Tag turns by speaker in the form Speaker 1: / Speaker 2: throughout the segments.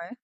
Speaker 1: Ouais.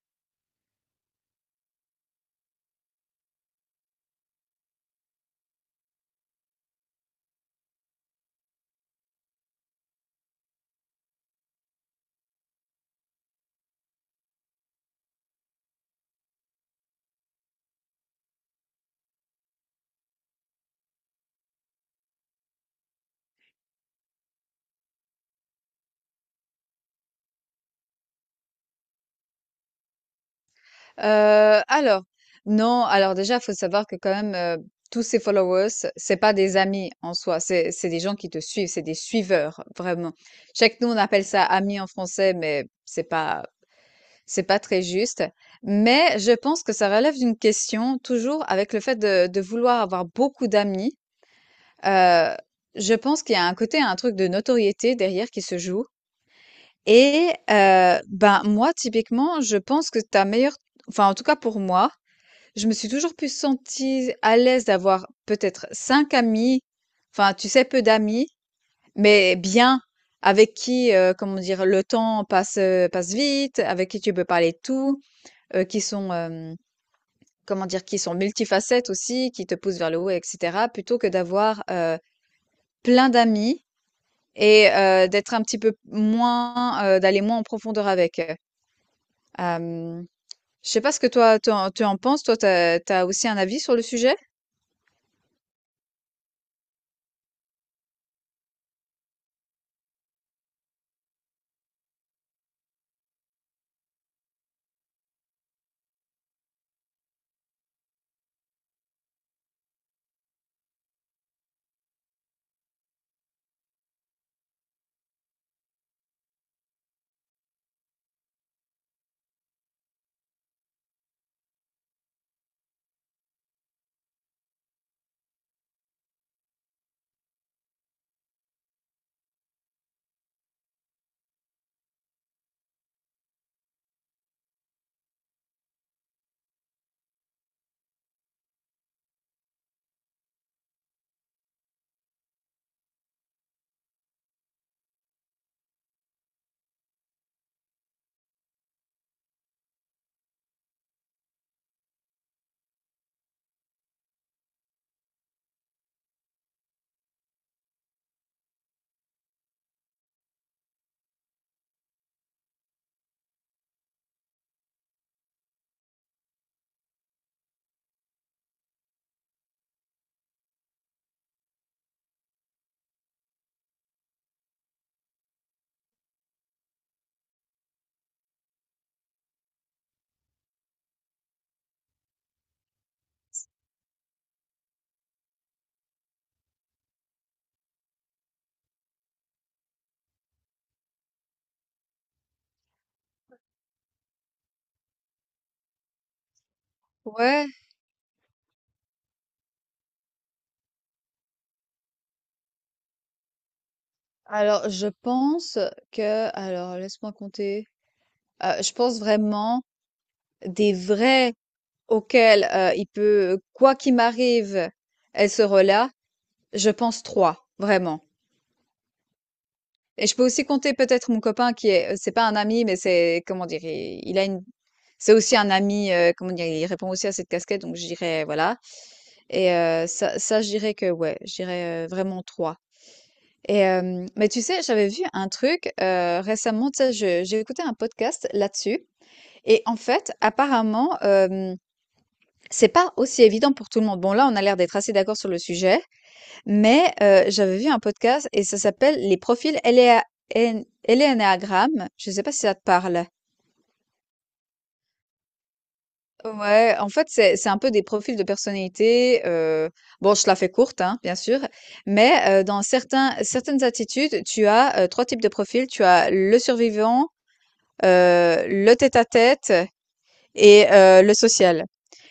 Speaker 1: Alors, non, alors déjà, il faut savoir que quand même, tous ces followers, c'est pas des amis en soi, c'est des gens qui te suivent, c'est des suiveurs, vraiment. Chaque nous, on appelle ça amis en français, mais c'est pas très juste. Mais je pense que ça relève d'une question, toujours avec le fait de vouloir avoir beaucoup d'amis. Heu, je pense qu'il y a un côté, un truc de notoriété derrière qui se joue et ben, moi, typiquement, je pense que ta meilleure, enfin, en tout cas pour moi, je me suis toujours plus sentie à l'aise d'avoir peut-être 5 amis, enfin, tu sais, peu d'amis, mais bien, avec qui, comment dire, le temps passe, passe vite, avec qui tu peux parler de tout, qui sont, comment dire, qui sont multifacettes aussi, qui te poussent vers le haut et cetera, plutôt que d'avoir, plein d'amis et d'être un petit peu moins, d'aller moins en profondeur avec. Je sais pas ce que toi tu en penses, toi, t'as as aussi un avis sur le sujet? Ouais, alors je pense que, alors laisse-moi compter. Je pense vraiment des vrais auxquels il peut, quoi qu'il m'arrive, elle sera là, je pense trois, vraiment. Et je peux aussi compter peut-être mon copain qui est, c'est pas un ami, mais c'est, comment dire, il a une, c'est aussi un ami, comment dire, il répond aussi à cette casquette, donc je dirais, voilà. Et ça, ça, je dirais que, ouais, je dirais vraiment trois. Et, mais tu sais, j'avais vu un truc récemment, tu sais, j'ai écouté un podcast là-dessus. Et en fait, apparemment, c'est pas aussi évident pour tout le monde. Bon, là, on a l'air d'être assez d'accord sur le sujet. Mais j'avais vu un podcast et ça s'appelle les profils éléa én élénéagramme. Je ne sais pas si ça te parle? Ouais, en fait, c'est un peu des profils de personnalité, bon, je la fais courte, hein, bien sûr, mais dans certains certaines attitudes, tu as, 3 types de profils. Tu as le survivant, le tête-à-tête et le social,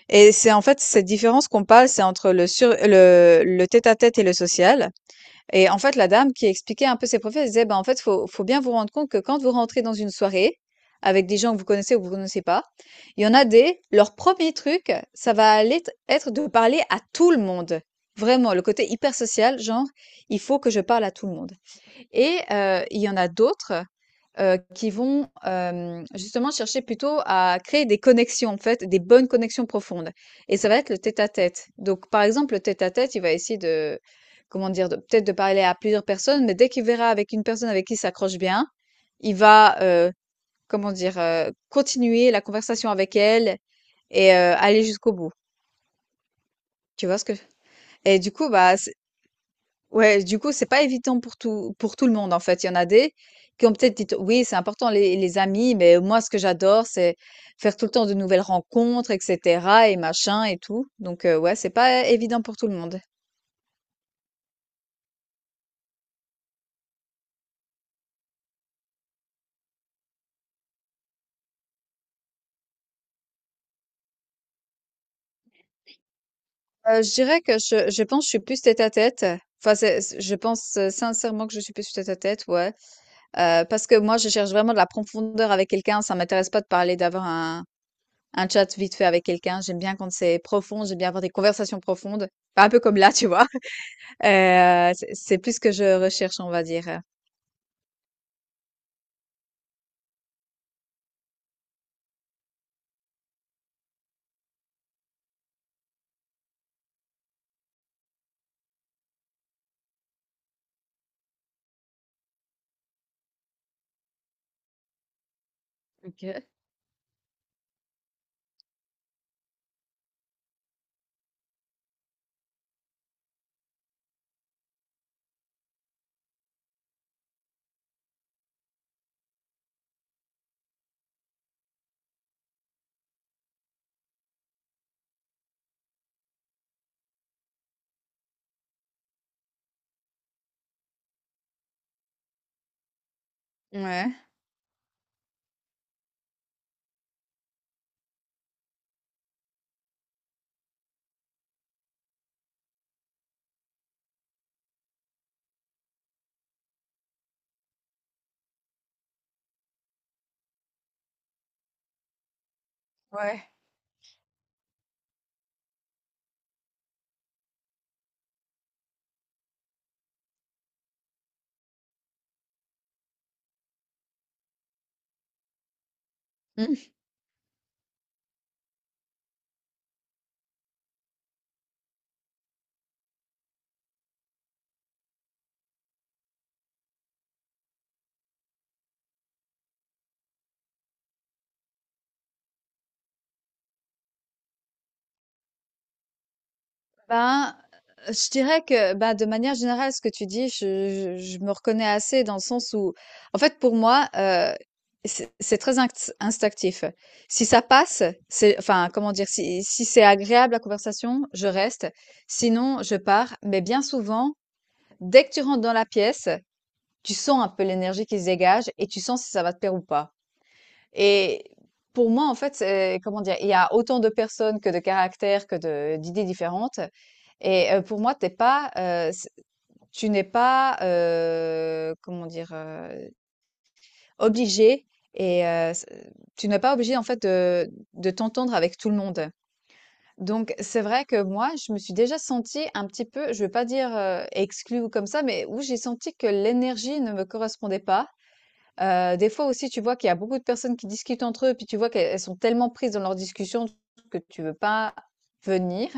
Speaker 1: et c'est en fait cette différence qu'on parle, c'est entre le sur le tête-à-tête et le social. Et en fait, la dame qui expliquait un peu ses profils, elle disait, ben, en fait, faut bien vous rendre compte que quand vous rentrez dans une soirée avec des gens que vous connaissez ou que vous connaissez pas, il y en a des, leur premier truc, ça va aller être de parler à tout le monde. Vraiment, le côté hyper social, genre, il faut que je parle à tout le monde. Et il y en a d'autres, qui vont, justement chercher plutôt à créer des connexions, en fait, des bonnes connexions profondes et ça va être le tête-à-tête. Donc par exemple, le tête-à-tête, il va essayer de, comment dire? De peut-être de parler à plusieurs personnes, mais dès qu'il verra avec une personne avec qui il s'accroche bien, il va, comment dire? Continuer la conversation avec elle et aller jusqu'au bout. Tu vois ce que… Et du coup, bah, ouais, du coup, c'est pas évident pour tout le monde, en fait. Il y en a des qui ont peut-être dit, oui, c'est important les amis, mais moi, ce que j'adore, c'est faire tout le temps de nouvelles rencontres, etc., et machin et tout. Donc, ouais, c'est pas évident pour tout le monde. Je dirais que je pense que je suis plus tête à tête. Enfin, je pense sincèrement que je suis plus tête à tête, ouais. Parce que moi, je cherche vraiment de la profondeur avec quelqu'un. Ça m'intéresse pas de parler, d'avoir un chat vite fait avec quelqu'un. J'aime bien quand c'est profond, j'aime bien avoir des conversations profondes. Pas un peu comme là, tu vois. C'est plus ce que je recherche, on va dire. OK. Ouais, ouais. Ben, je dirais que, ben, de manière générale, ce que tu dis, je me reconnais assez dans le sens où, en fait, pour moi, c'est très inct instinctif. Si ça passe, c'est, enfin, comment dire? Si c'est agréable la conversation, je reste, sinon je pars. Mais bien souvent, dès que tu rentres dans la pièce, tu sens un peu l'énergie qui se dégage et tu sens si ça va te plaire ou pas. Et pour moi, en fait, c'est, comment dire? Il y a autant de personnes que de caractères, que de d'idées différentes. Et pour moi, t'es pas, c tu n'es pas, comment dire? Obligée, et c tu n'es pas obligé, en fait, de t'entendre avec tout le monde. Donc c'est vrai que moi, je me suis déjà sentie un petit peu, je veux pas dire, exclue ou comme ça, mais où j'ai senti que l'énergie ne me correspondait pas. Des fois aussi, tu vois qu'il y a beaucoup de personnes qui discutent entre eux, puis tu vois qu'elles sont tellement prises dans leur discussion que tu veux pas venir,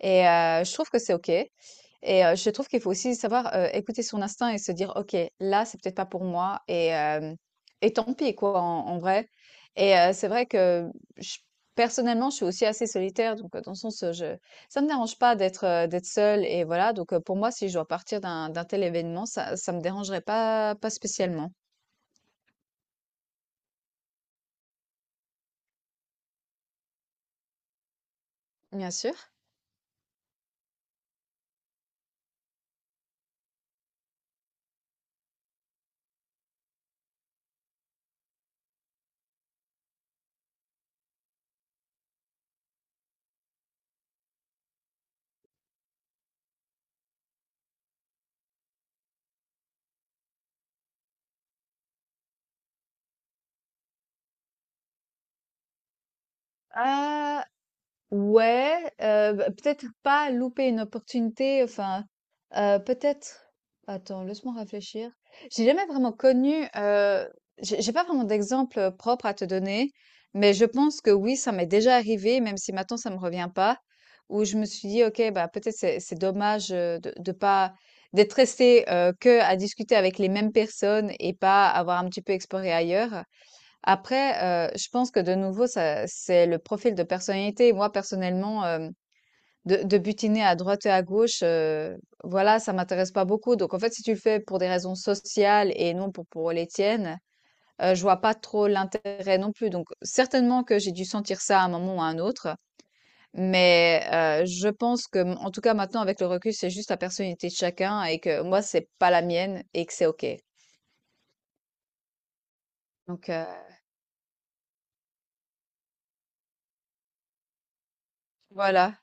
Speaker 1: et je trouve que c'est OK, et je trouve qu'il faut aussi savoir, écouter son instinct et se dire: «OK, là, c'est peut-être pas pour moi et hem et tant pis quoi», en vrai. Et c'est vrai que, j personnellement, je suis aussi assez solitaire, donc dans le sens, je ça me dérange pas d'être, d'être seule, et voilà, donc pour moi, si je dois partir d'un tel événement, ça me dérangerait pas spécialement. Bien sûr. Ah, ouais, bah, peut-être pas louper une opportunité, enfin, peut-être, attends, laisse-moi réfléchir. J'ai jamais vraiment connu, j'ai pas vraiment d'exemple propre à te donner, mais je pense que oui, ça m'est déjà arrivé, même si maintenant ça me revient pas, où je me suis dit: «OK, bah, peut-être c'est dommage, de pas d'être resté que à discuter avec les mêmes personnes et pas avoir un petit peu exploré ailleurs». Après, je pense que de nouveau, ça c'est le profil de personnalité. Moi, personnellement, de butiner à droite et à gauche, voilà, ça m'intéresse pas beaucoup. Donc en fait, si tu le fais pour des raisons sociales et non pour les tiennes, je vois pas trop l'intérêt non plus. Donc certainement que j'ai dû sentir ça à un moment ou à un autre, mais je pense que, en tout cas, maintenant, avec le recul, c'est juste la personnalité de chacun et que moi, c'est pas la mienne et que c'est OK. Donc voilà.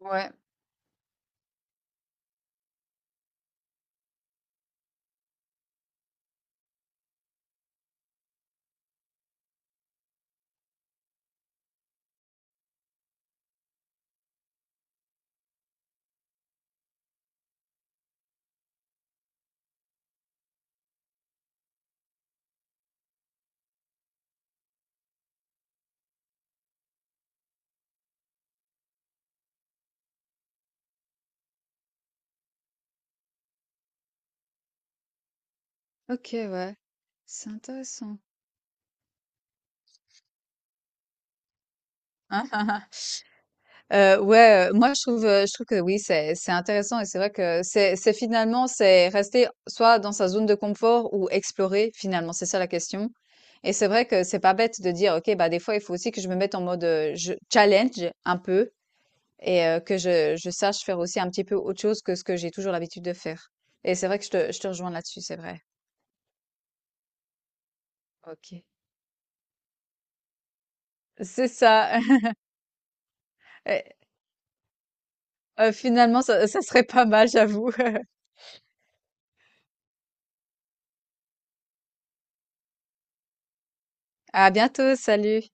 Speaker 1: Ouais. OK, ouais. C'est intéressant. Ah, ah, ah. Ouais, moi je trouve que oui, c'est intéressant, et c'est vrai que c'est finalement, c'est rester soit dans sa zone de confort ou explorer, finalement, c'est ça la question. Et c'est vrai que c'est pas bête de dire ok, bah des fois il faut aussi que je me mette en mode, je challenge un peu, et que je sache faire aussi un petit peu autre chose que ce que j'ai toujours l'habitude de faire. Et c'est vrai que je te rejoins là-dessus, c'est vrai. Ok, c'est ça. Finalement ça serait pas mal, j'avoue. À bientôt, salut.